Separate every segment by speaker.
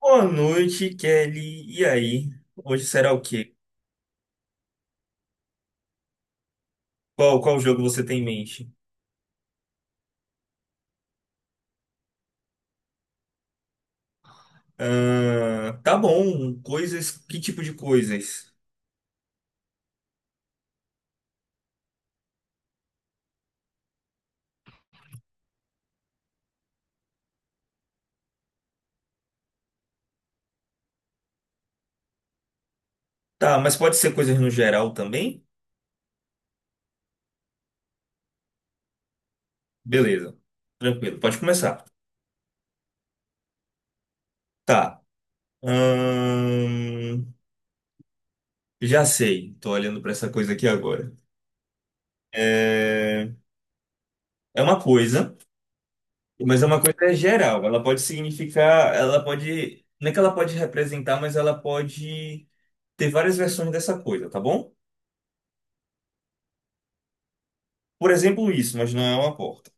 Speaker 1: Boa noite, Kelly. E aí? Hoje será o quê? Qual jogo você tem em mente? Ah, tá bom. Coisas. Que tipo de coisas? Tá, mas pode ser coisas no geral também? Beleza. Tranquilo, pode começar. Tá. Ahn, já sei. Tô olhando pra essa coisa aqui agora. É, é uma coisa, mas é uma coisa geral. Ela pode significar. Ela pode. Não é que ela pode representar, mas ela pode ter várias versões dessa coisa, tá bom? Por exemplo, isso, mas não é uma porta.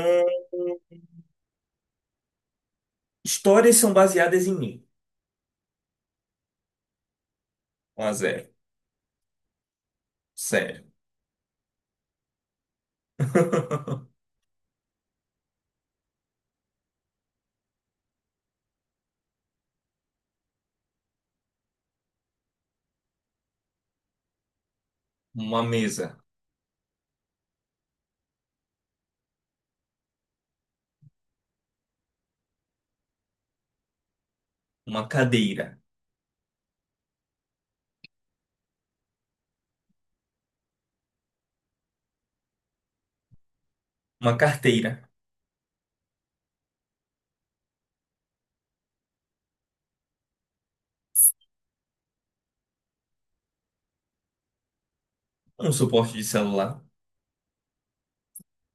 Speaker 1: Ahn, histórias são baseadas em mim. Um a zero. Sério. Uma mesa, uma cadeira, uma carteira, um suporte de celular.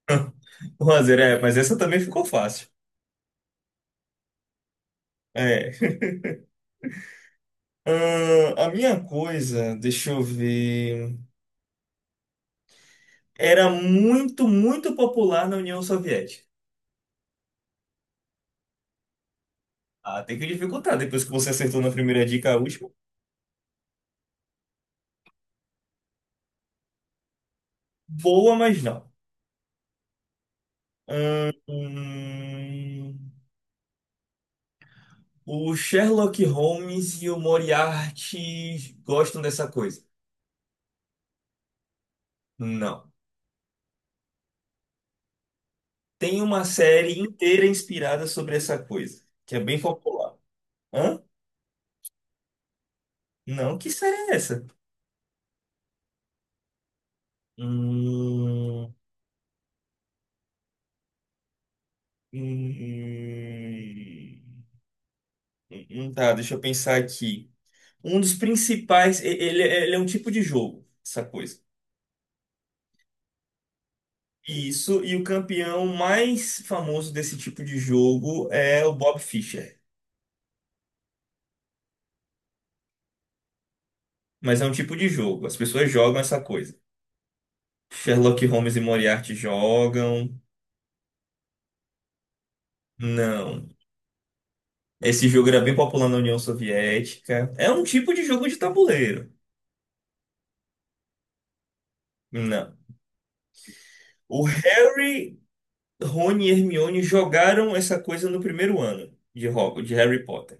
Speaker 1: Um a zero é, mas essa também ficou fácil. É. A minha coisa, deixa eu ver. Era muito, muito popular na União Soviética. Ah, tem que dificultar depois que você acertou na primeira dica, a última. Boa, mas não. Ahn, hum, o Sherlock Holmes e o Moriarty gostam dessa coisa? Não. Tem uma série inteira inspirada sobre essa coisa, que é bem popular. Hã? Não, que série é essa? Hum, hum, tá, deixa eu pensar aqui. Um dos principais, ele é um tipo de jogo, essa coisa. Isso, e o campeão mais famoso desse tipo de jogo é o Bob Fischer. Mas é um tipo de jogo, as pessoas jogam essa coisa. Sherlock Holmes e Moriarty jogam. Não. Esse jogo era bem popular na União Soviética. É um tipo de jogo de tabuleiro. Não. O Harry, Rony e Hermione jogaram essa coisa no primeiro ano de Hogwarts, de Harry Potter.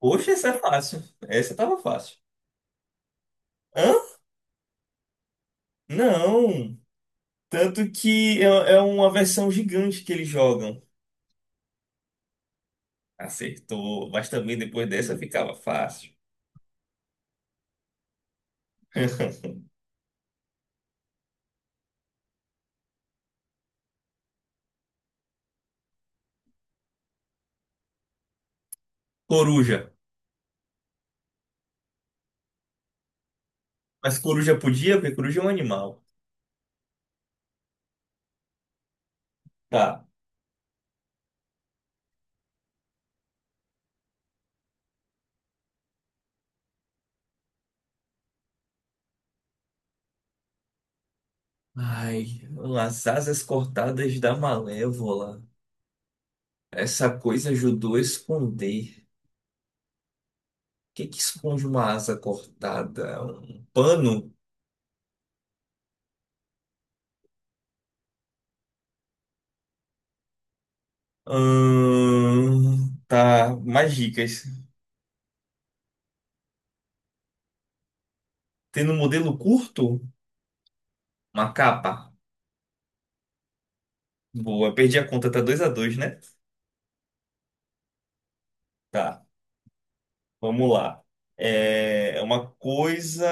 Speaker 1: Poxa, essa é fácil. Essa tava fácil. Hã? Não. Tanto que é uma versão gigante que eles jogam. Acertou. Mas também depois dessa ficava fácil. Coruja. Mas coruja podia, porque coruja é um animal. Tá. Ai, as asas cortadas da Malévola. Essa coisa ajudou a esconder. O que que esconde uma asa cortada? Um pano? Tá, mais dicas. Tendo um modelo curto, uma capa. Boa, perdi a conta, tá 2 a 2, né? Tá, vamos lá. É uma coisa.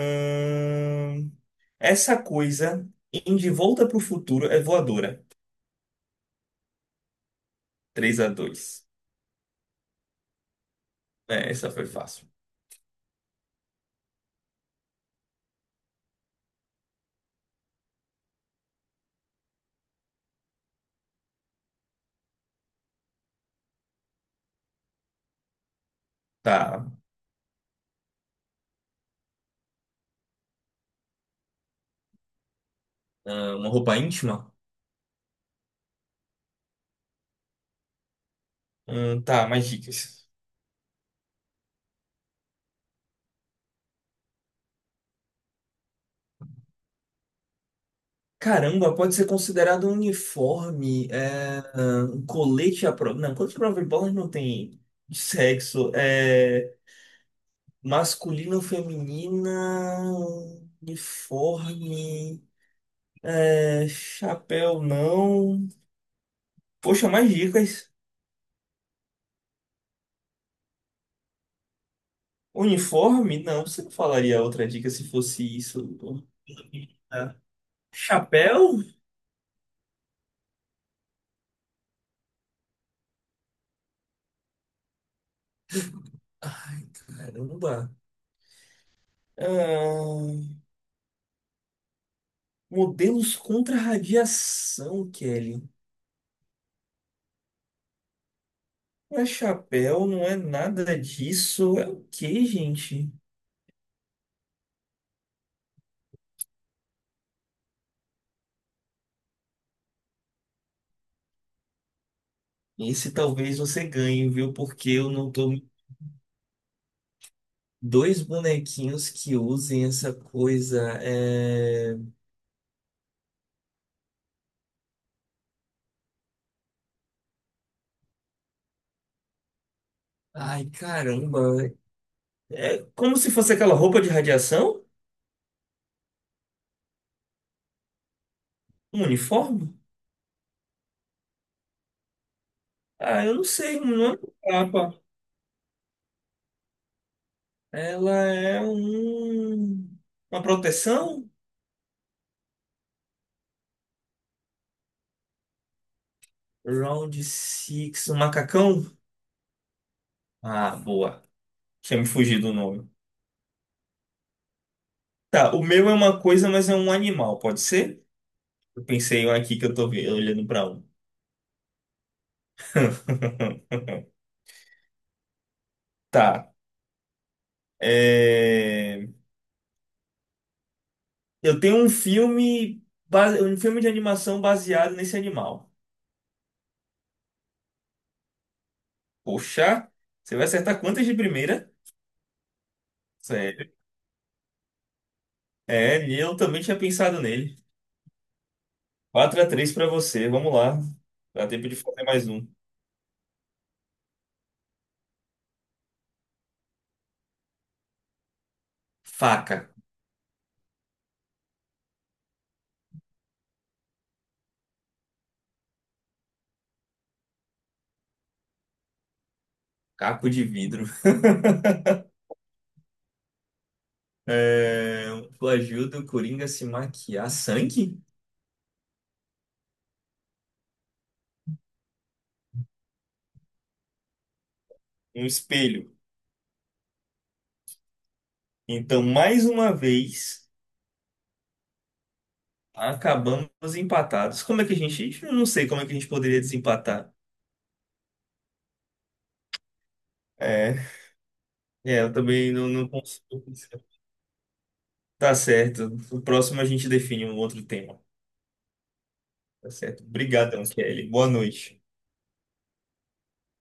Speaker 1: ahn, essa coisa em De Volta para o Futuro é voadora. 3 a 2. É, essa foi fácil. Tá. Ah, uma roupa íntima? Tá, mais dicas. Caramba, pode ser considerado um uniforme, um colete à prova. Não, colete à prova de bola não tem sexo. Masculino, feminina, uniforme, chapéu não. Poxa, mais dicas. Uniforme? Não, você não falaria outra dica se fosse isso. Ah, chapéu? Ai, caramba. Ah, Modelos contra radiação, Kelly. Não é chapéu, não é nada disso. É o que gente? Esse talvez você ganhe, viu? Porque eu não tô. Dois bonequinhos que usem essa coisa. É... Ai, caramba. É como se fosse aquela roupa de radiação? Um uniforme? Ah, eu não sei, não é uma capa. Ela é um... uma proteção? Round six um macacão? Ah, boa. Tinha me fugido o nome. Tá, o meu é uma coisa, mas é um animal, pode ser? Eu pensei um aqui que eu tô olhando pra um. Tá. é, Eu tenho um filme, um filme de animação baseado nesse animal. Poxa, você vai acertar quantas de primeira? Sério. É, e eu também tinha pensado nele. Quatro a três pra você, vamos lá. Dá tempo de fazer mais um. Faca, caco de vidro. É... Coajuda o Coringa a se maquiar. Sangue? Um espelho. Então, mais uma vez, acabamos empatados. Como é que a gente. Eu não sei como é que a gente poderia desempatar. É, eu também não consigo. Tá certo. No próximo a gente define um outro tema. Tá certo. Obrigadão, Kelly. Boa noite.